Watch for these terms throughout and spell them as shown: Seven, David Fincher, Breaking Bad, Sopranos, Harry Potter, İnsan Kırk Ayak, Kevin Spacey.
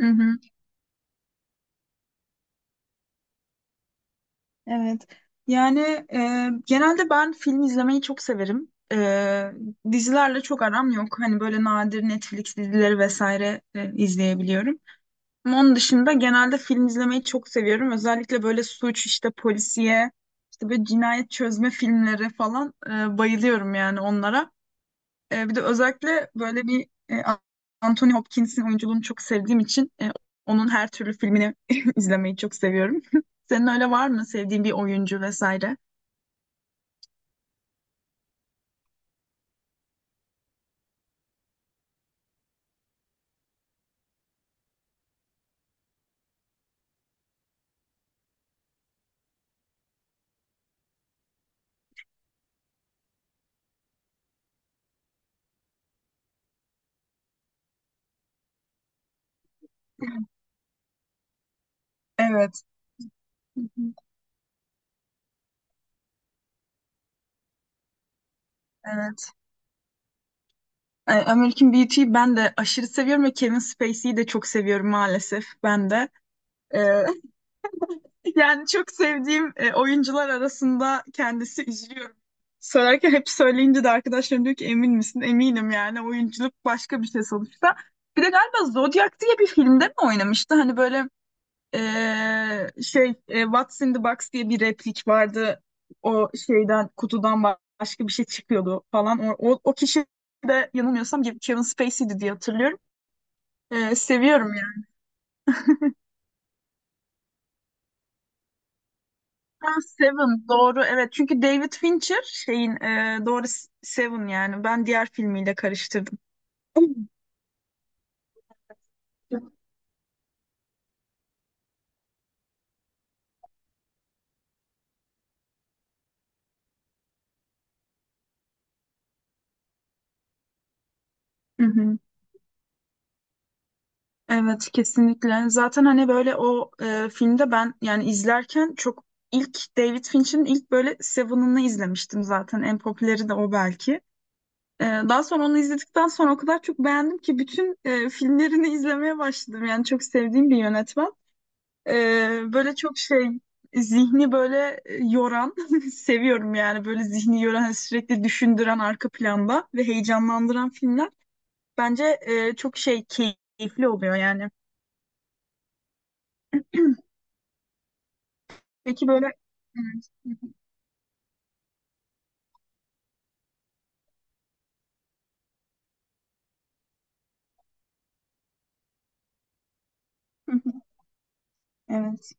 Hı hı, evet. Yani genelde ben film izlemeyi çok severim. Dizilerle çok aram yok. Hani böyle nadir Netflix dizileri vesaire izleyebiliyorum. Ama onun dışında genelde film izlemeyi çok seviyorum. Özellikle böyle suç, işte polisiye, işte böyle cinayet çözme filmleri falan bayılıyorum yani onlara. Bir de özellikle böyle bir Anthony Hopkins'in oyunculuğunu çok sevdiğim için onun her türlü filmini izlemeyi çok seviyorum. Senin öyle var mı sevdiğin bir oyuncu vesaire? Evet. Hı hı. Evet. American Beauty'yi ben de aşırı seviyorum ve Kevin Spacey'yi de çok seviyorum maalesef ben de. E, Yani çok sevdiğim oyuncular arasında kendisi üzülüyorum. Söylerken hep söyleyince de arkadaşlarım diyor ki emin misin? Eminim yani oyunculuk başka bir şey sonuçta. Bir de galiba Zodiac diye bir filmde mi oynamıştı? Hani böyle What's in the Box diye bir replik vardı. O şeyden kutudan başka bir şey çıkıyordu falan. O kişi de yanılmıyorsam Kevin Spacey'di diye hatırlıyorum. E, seviyorum Ha, Seven doğru evet çünkü David Fincher şeyin doğru Seven yani ben diğer filmiyle karıştırdım. Hı hı. Evet kesinlikle, zaten hani böyle o filmde ben yani izlerken çok ilk David Fincher'ın ilk böyle Seven'ını izlemiştim, zaten en popüleri de o belki. Daha sonra onu izledikten sonra o kadar çok beğendim ki bütün filmlerini izlemeye başladım yani çok sevdiğim bir yönetmen. Böyle çok şey zihni böyle yoran seviyorum yani böyle zihni yoran hani sürekli düşündüren arka planda ve heyecanlandıran filmler bence çok şey keyifli oluyor yani. Peki böyle. Evet. Hı hı. Evet.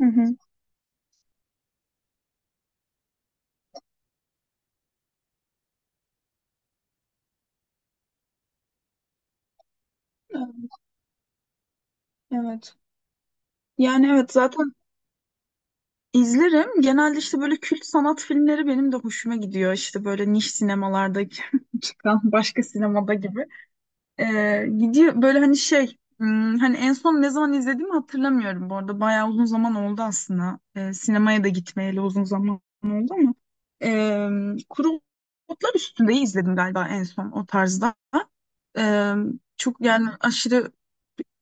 Hı hı. Evet. Yani evet, zaten izlerim. Genelde işte böyle kült sanat filmleri benim de hoşuma gidiyor. İşte böyle niş sinemalardaki çıkan başka sinemada gibi. Gidiyor böyle hani şey, hani en son ne zaman izlediğimi hatırlamıyorum bu arada, bayağı uzun zaman oldu aslında. Sinemaya da gitmeyeli uzun zaman oldu ama ee, Kuru Otlar Üstünde'yi izledim galiba en son o tarzda. Ee, Çok yani, aşırı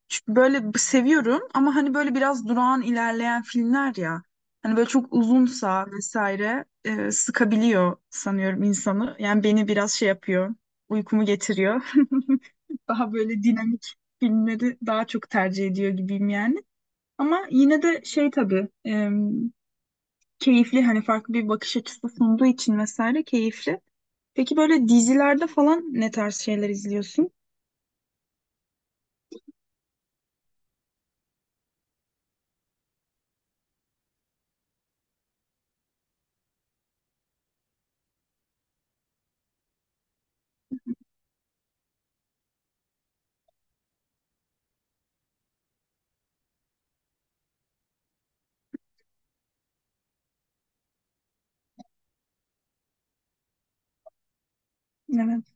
çünkü böyle seviyorum, ama hani böyle biraz durağan ilerleyen filmler ya. Hani böyle çok uzunsa vesaire sıkabiliyor sanıyorum insanı. Yani beni biraz şey yapıyor, uykumu getiriyor. Daha böyle dinamik filmleri daha çok tercih ediyor gibiyim yani. Ama yine de şey tabii keyifli, hani farklı bir bakış açısı sunduğu için vesaire keyifli. Peki böyle dizilerde falan ne tarz şeyler izliyorsun? Evet.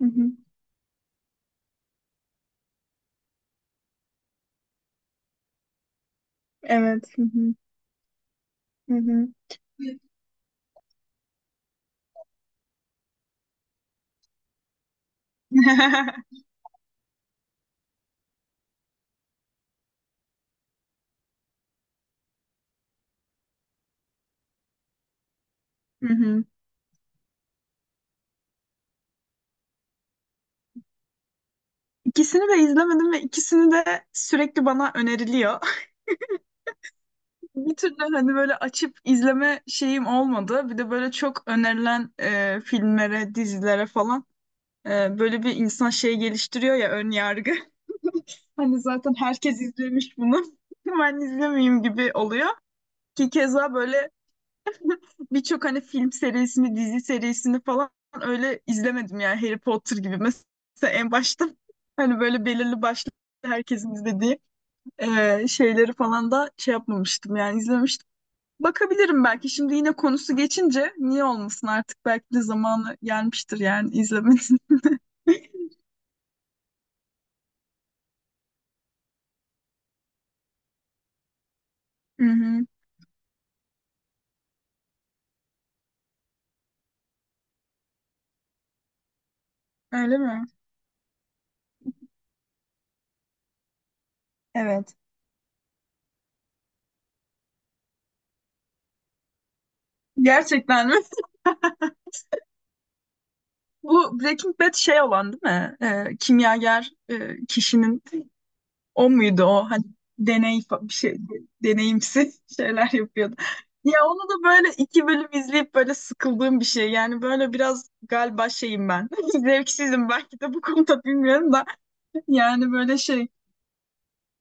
Hı hı. Evet. Hı hı. Hı hı. Hı hı. İkisini de izlemedim ve ikisini de sürekli bana öneriliyor. Bir türlü hani böyle açıp izleme şeyim olmadı. Bir de böyle çok önerilen filmlere, dizilere falan, böyle bir insan şey geliştiriyor ya, ön yargı. Hani zaten herkes izlemiş bunu. Ben izlemeyeyim gibi oluyor. Ki keza böyle birçok hani film serisini, dizi serisini falan öyle izlemedim yani, Harry Potter gibi. Mesela en başta hani böyle belirli başlı herkesin izlediği şeyleri falan da şey yapmamıştım yani, izlemiştim. Bakabilirim belki şimdi, yine konusu geçince niye olmasın, artık belki de zamanı gelmiştir yani, izlemesin. Hı hı. Öyle mi? Evet. Gerçekten mi? Bu Breaking Bad şey olan değil mi? Kimyager kişinin o muydu o, hani deney bir şey deneyimsi şeyler yapıyordu. Ya onu da böyle iki bölüm izleyip böyle sıkıldığım bir şey. Yani böyle biraz galiba şeyim ben. Zevksizim belki de bu konuda, bilmiyorum da. Yani böyle şey,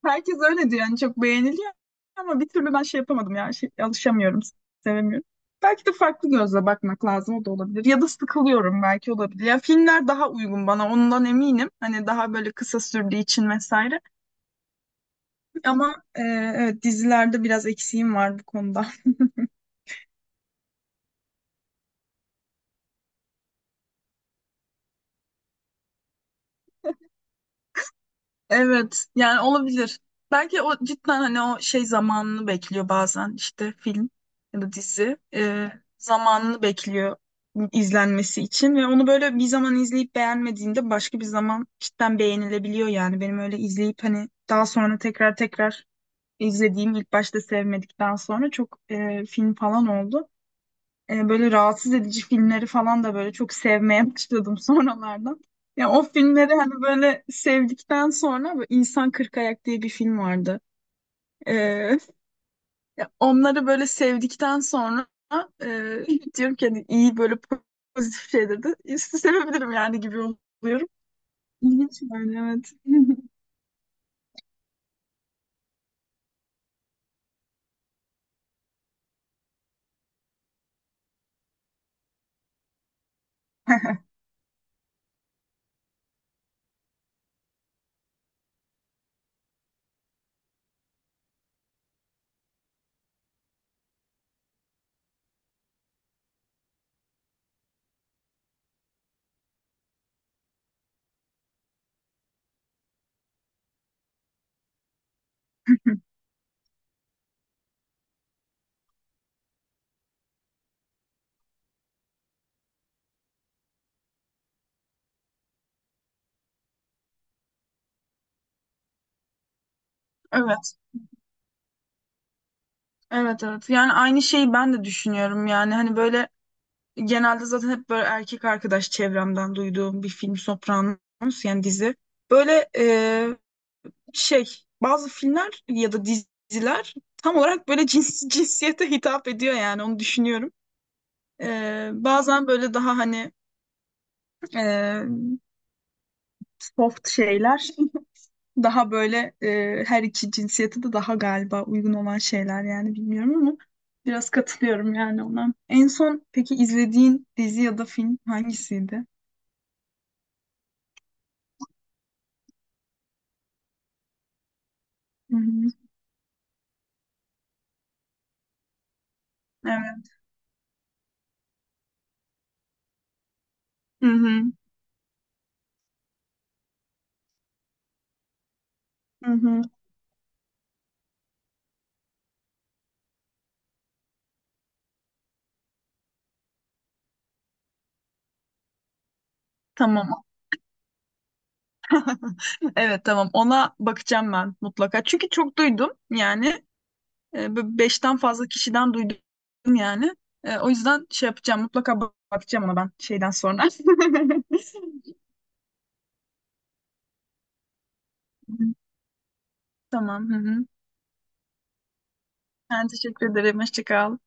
herkes öyle diyor yani, çok beğeniliyor ama bir türlü ben şey yapamadım yani, şey, alışamıyorum, sevemiyorum. Belki de farklı gözle bakmak lazım, o da olabilir. Ya da sıkılıyorum belki, olabilir. Ya filmler daha uygun bana ondan eminim. Hani daha böyle kısa sürdüğü için vesaire. Ama evet, dizilerde biraz eksiğim var bu konuda. Evet yani, olabilir. Belki o cidden hani o şey zamanını bekliyor, bazen işte film ya da dizi zamanını bekliyor izlenmesi için, ve onu böyle bir zaman izleyip beğenmediğinde başka bir zaman cidden beğenilebiliyor yani. Benim öyle izleyip hani daha sonra tekrar tekrar izlediğim, ilk başta sevmedikten sonra çok film falan oldu. Böyle rahatsız edici filmleri falan da böyle çok sevmeye başladım sonralardan. Ya o filmleri hani böyle sevdikten sonra, böyle İnsan Kırk Ayak diye bir film vardı. E, Ya onları böyle sevdikten sonra e, diyorum ki hani iyi böyle pozitif şeyleri de sevebilirim yani gibi oluyorum. İlginç yani, evet. Evet, evet, evet. Yani aynı şeyi ben de düşünüyorum. Yani hani böyle genelde zaten hep böyle erkek arkadaş çevremden duyduğum bir film Sopranos, yani dizi. Böyle şey, bazı filmler ya da diziler tam olarak böyle cinsiyete hitap ediyor yani, onu düşünüyorum. Bazen böyle daha hani e, soft şeyler daha böyle her iki cinsiyete de daha galiba uygun olan şeyler yani, bilmiyorum ama biraz katılıyorum yani ona. En son peki izlediğin dizi ya da film hangisiydi? Hı hı. Evet. Hı hı, hı hı. Tamam. Evet tamam. Ona bakacağım ben mutlaka. Çünkü çok duydum yani. Bu 5'ten fazla kişiden duydum yani. O yüzden şey yapacağım. Mutlaka bakacağım ona ben şeyden sonra. Tamam. Hı hı. Ben teşekkür ederim. Hoşça kal.